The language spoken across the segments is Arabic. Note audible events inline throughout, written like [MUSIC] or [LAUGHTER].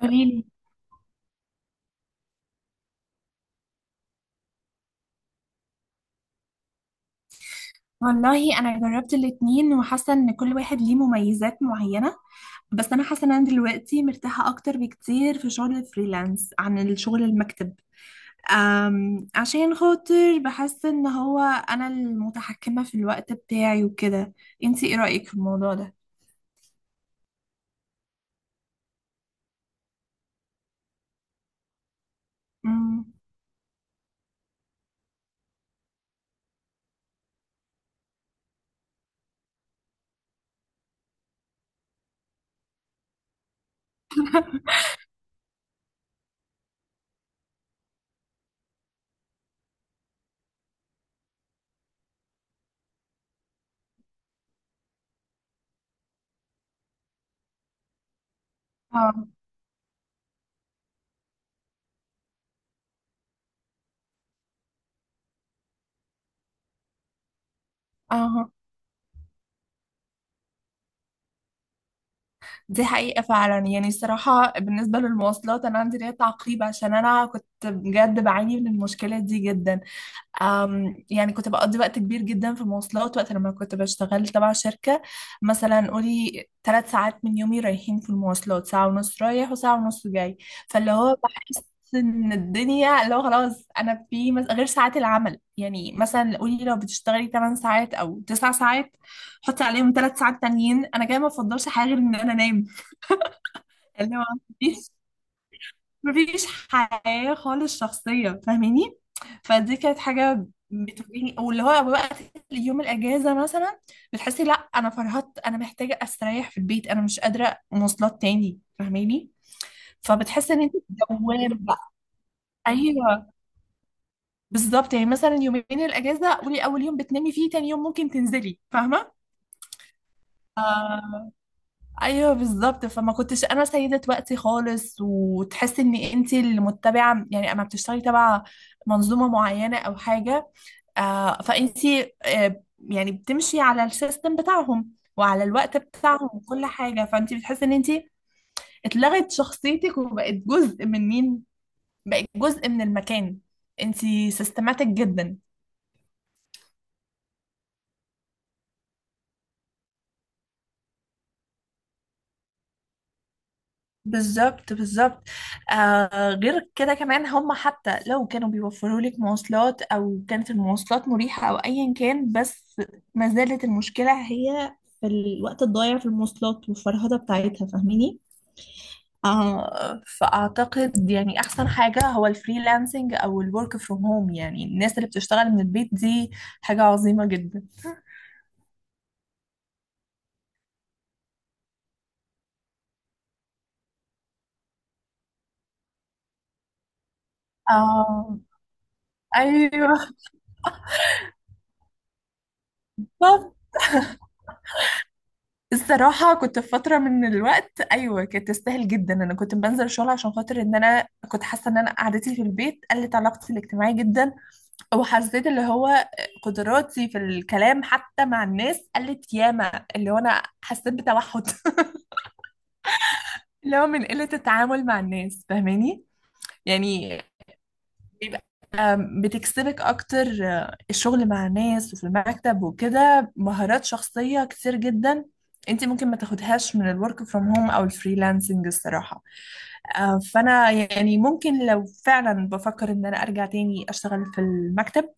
قوليلي. والله انا جربت الاتنين وحاسه ان كل واحد ليه مميزات معينه، بس انا حاسه ان انا دلوقتي مرتاحه اكتر بكتير في شغل الفريلانس عن الشغل المكتب. عشان خاطر بحس ان هو انا المتحكمه في الوقت بتاعي وكده. انتي ايه رايك في الموضوع ده؟ امم. اه. اه، دي حقيقة فعلا. يعني الصراحة بالنسبة للمواصلات أنا عندي ليا تعقيب، عشان أنا كنت بجد بعاني من المشكلة دي جدا. يعني كنت بقضي وقت كبير جدا في المواصلات وقت لما كنت بشتغل تبع شركة. مثلا قولي 3 ساعات من يومي رايحين في المواصلات، ساعة ونص رايح وساعة ونص جاي. فاللي هو بحس ان الدنيا لو خلاص انا في غير ساعات العمل، يعني مثلا قولي لو بتشتغلي 8 ساعات او 9 ساعات، حطي عليهم 3 ساعات تانيين، انا كده ما بفضلش حاجة غير ان انا انام. اللي هو [LAUGHS] مفيش حياة خالص شخصية، فاهماني؟ فدي كانت حاجة بتواجهني، او اللي هو وقت يوم الاجازة مثلا بتحسي لا انا فرهدت، انا محتاجة استريح في البيت، انا مش قادرة مواصلات تاني، فاهماني؟ فبتحسي ان انت في دوامة بقى. ايوه بالظبط. يعني مثلا يومين الاجازة قولي اول يوم بتنامي فيه، تاني يوم ممكن تنزلي، فاهمة؟ آه، ايوه بالظبط. فما كنتش انا سيده وقتي خالص، وتحسي ان انت اللي متبعه، يعني اما بتشتغلي تبع منظومه معينه او حاجه، آه فانت آه يعني بتمشي على السيستم بتاعهم وعلى الوقت بتاعهم وكل حاجه، فانت بتحسي ان انت اتلغت شخصيتك وبقت جزء من مين، بقت جزء من المكان. انت سيستماتيك جدا. بالظبط بالظبط. غير كده كمان هم حتى لو كانوا بيوفروا لك مواصلات او كانت المواصلات مريحة او ايا كان، بس ما زالت المشكلة هي في الوقت الضايع في المواصلات والفرهدة بتاعتها، فاهميني؟ فاعتقد يعني احسن حاجة هو الفريلانسنج او الورك فروم هوم، يعني الناس اللي بتشتغل من البيت دي حاجة عظيمة جدا. آه. ايوه. [LAUGHS] الصراحة كنت في فترة من الوقت أيوة كانت تستاهل جدا. أنا كنت بنزل الشغل عشان خاطر إن أنا كنت حاسة إن أنا قعدتي في البيت قلت علاقتي الاجتماعية جدا، وحسيت اللي هو قدراتي في الكلام حتى مع الناس قلت ياما، اللي هو أنا حسيت بتوحد. [LAUGHS] اللي هو من قلة التعامل مع الناس، فاهماني؟ يعني بيبقى بتكسبك اكتر الشغل مع الناس وفي المكتب وكده مهارات شخصية كتير جدا، انت ممكن ما تاخدهاش من الورك فروم هوم او الفريلانسنج الصراحة. فانا يعني ممكن لو فعلا بفكر ان انا ارجع تاني اشتغل في المكتب،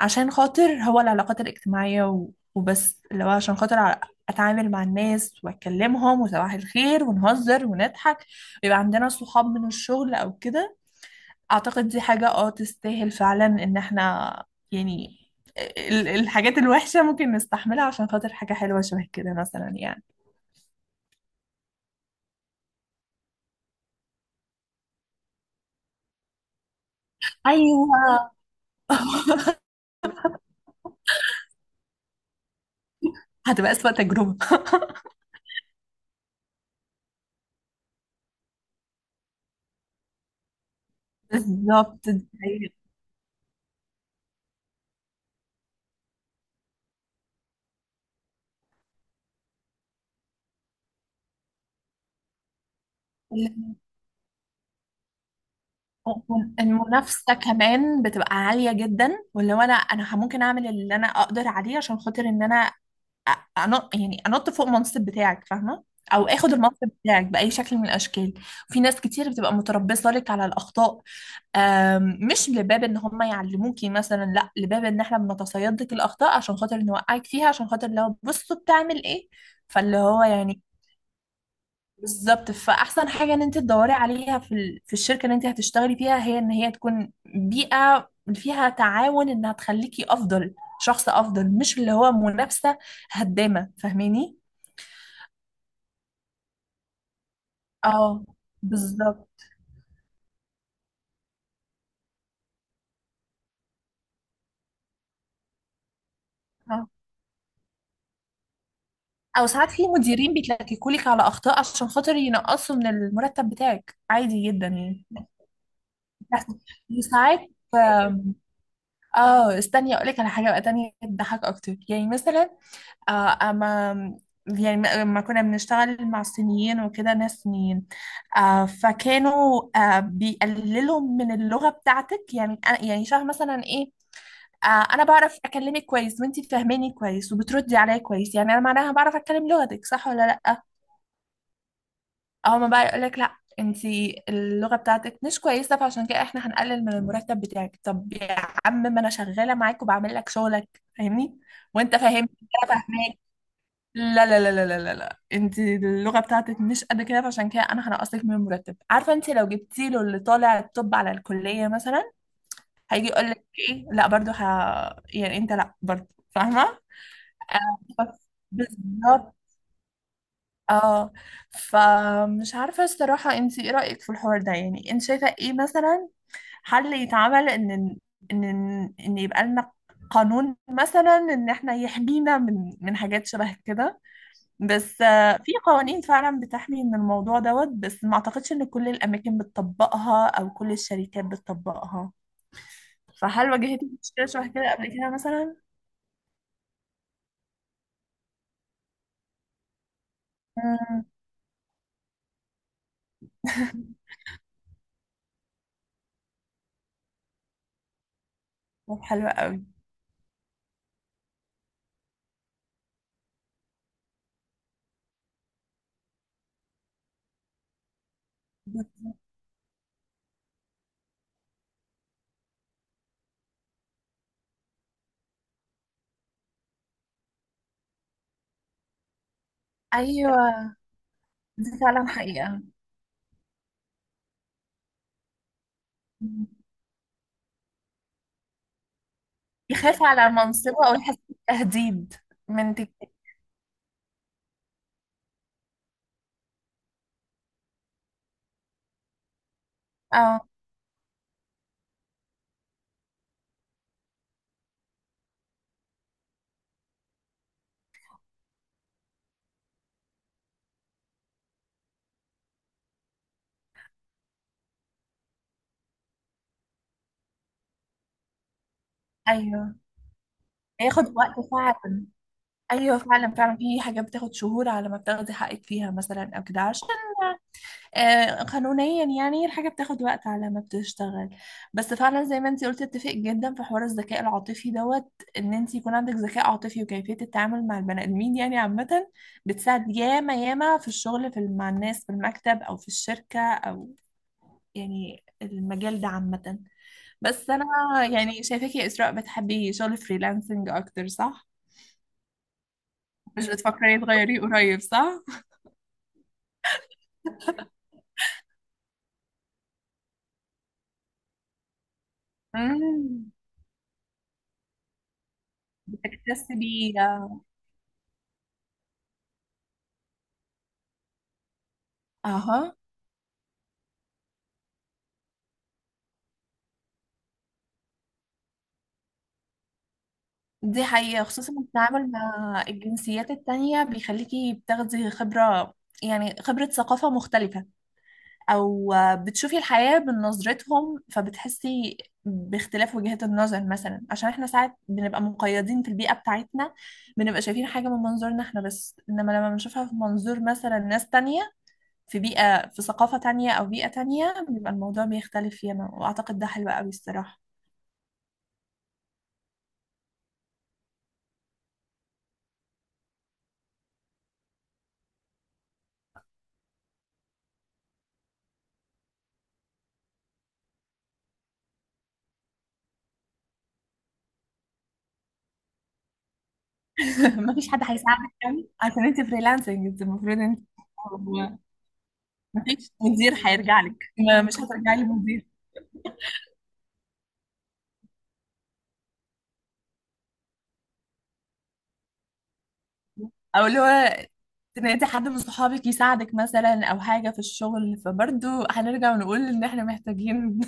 عشان خاطر هو العلاقات الاجتماعية وبس لو عشان خاطر اتعامل مع الناس واتكلمهم وصباح الخير ونهزر ونضحك، ويبقى عندنا صحاب من الشغل او كده. اعتقد دي حاجة اه تستاهل فعلا ان احنا يعني الحاجات الوحشة ممكن نستحملها عشان خاطر حاجة حلوة شبه كده مثلا يعني. ايوه. [LAUGHS] هتبقى أسوأ تجربة. [LAUGHS] بالظبط دي حقيقة. ال- المنافسة كمان بتبقى عالية جدا، واللي هو انا ممكن اعمل اللي انا اقدر عليه عشان خاطر ان انا أ- أنط، يعني أنط فوق المنصب بتاعك، فاهمة؟ أو آخد المنصب بتاعك بأي شكل من الأشكال. في ناس كتير بتبقى متربصة لك على الأخطاء. مش لباب إن هم يعلموكي مثلا، لا، لباب إن إحنا بنتصيد لك الأخطاء عشان خاطر نوقعك فيها، عشان خاطر لو بصوا بتعمل إيه. فاللي هو يعني بالظبط. فأحسن حاجة إن أنت تدوري عليها في في الشركة اللي أنت هتشتغلي فيها، هي إن هي تكون بيئة فيها تعاون، إنها تخليكي أفضل، شخص أفضل، مش اللي هو منافسة هدامة، فاهماني؟ اه بالظبط. اه، او ساعات في مديرين بيتلككولك على اخطاء عشان خاطر ينقصوا من المرتب بتاعك، عادي جدا يعني. [LAUGHS] بتحصل. وساعات آم، اه استني اقول لك على حاجه بقى تانية تضحك اكتر. يعني مثلا اما يعني لما كنا بنشتغل مع الصينيين وكده ناس صينيين، آه فكانوا آه بيقللوا من اللغه بتاعتك. يعني يعني شبه مثلا ايه، انا بعرف اكلمك كويس وانتي فاهماني كويس وبتردي عليا كويس، يعني انا معناها بعرف اتكلم لغتك صح ولا لا؟ او ما بقى يقولك لا انتي اللغه بتاعتك مش كويسه، فعشان كده احنا هنقلل من المرتب بتاعك. طب يا عم ما انا شغاله معاك وبعمل لك شغلك، فاهمني؟ وانت فاهمني، انا فاهماك. لا لا لا لا لا لا لا، انتي اللغه بتاعتك مش قد كده فعشان كده انا هنقصك من المرتب. عارفه، انتي لو جبتي له اللي طالع الطب على الكليه مثلا، هيجي يقول لك ايه، لا برضه يعني انت، لا برضه فاهمه. آه، بالظبط. اه، فمش عارفة الصراحة انت ايه رأيك في الحوار ده، يعني انت شايفة ايه مثلا حل يتعمل، ان ان ان إن يبقى لنا قانون مثلا ان احنا يحمينا من حاجات شبه كده. بس في قوانين فعلا بتحمي من الموضوع دوت، بس ما اعتقدش ان كل الاماكن بتطبقها او كل الشركات بتطبقها. فهل واجهتي مشكلة شبه كده قبل كده مثلا؟ مم. [LAUGHS] طب حلوة قوي. ايوه، دي فعلا حقيقة. يخاف على منصبه أو يحس بتهديد. من تك- اه. أيوه هياخد وقت فعلا. أيوه فعلا فعلا، في حاجات بتاخد شهور على ما بتاخدي حقك فيها مثلا أو كده، عشان قانونيا يعني الحاجة بتاخد وقت على ما بتشتغل. بس فعلا زي ما انتي قلتي، اتفق جدا في حوار الذكاء العاطفي دوت، إن انتي يكون عندك ذكاء عاطفي وكيفية التعامل مع البني آدمين يعني عامة، بتساعد ياما ياما في الشغل في مع الناس في المكتب أو في الشركة، أو يعني المجال ده عامة. بس أنا يعني شايفاكي يا إسراء بتحبي شغل فريلانسنج أكتر، صح؟ مش بتفكري تغيريه قريب، صح؟ امم. بتكتسبي. أها. دي حقيقة، خصوصا التعامل مع الجنسيات التانية بيخليكي بتاخدي خبرة، يعني خبرة ثقافة مختلفة، او بتشوفي الحياة بنظرتهم، فبتحسي باختلاف وجهات النظر مثلا. عشان احنا ساعات بنبقى مقيدين في البيئة بتاعتنا، بنبقى شايفين حاجة من منظورنا احنا بس، انما لما بنشوفها في منظور مثلا ناس تانية في بيئة في ثقافة تانية او بيئة تانية، بيبقى الموضوع بيختلف فيما، واعتقد ده حلو قوي الصراحة. [LAUGHS] مفيش حد هيساعدك قوي عشان انت فريلانسنج، انت المفروض انت، مفيش مدير هيرجع لك. مش هترجعي لمدير، او اللي هو تنادي حد من صحابك يساعدك مثلا او حاجه في الشغل. فبرضه هنرجع ونقول ان احنا محتاجين،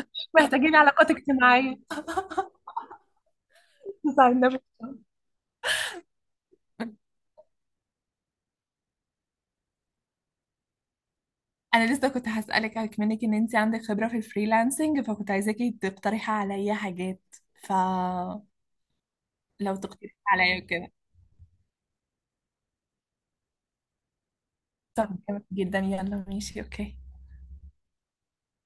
[LAUGHS] محتاجين علاقات اجتماعيه تساعدنا في الشغل. انا لسه كنت هسالك منك، ان انت عندك خبره في الفريلانسنج، فكنت عايزاكي تقترحي عليا حاجات، فلو تقترحي عليا كده. طب جامد جدا. يلا ماشي، اوكي.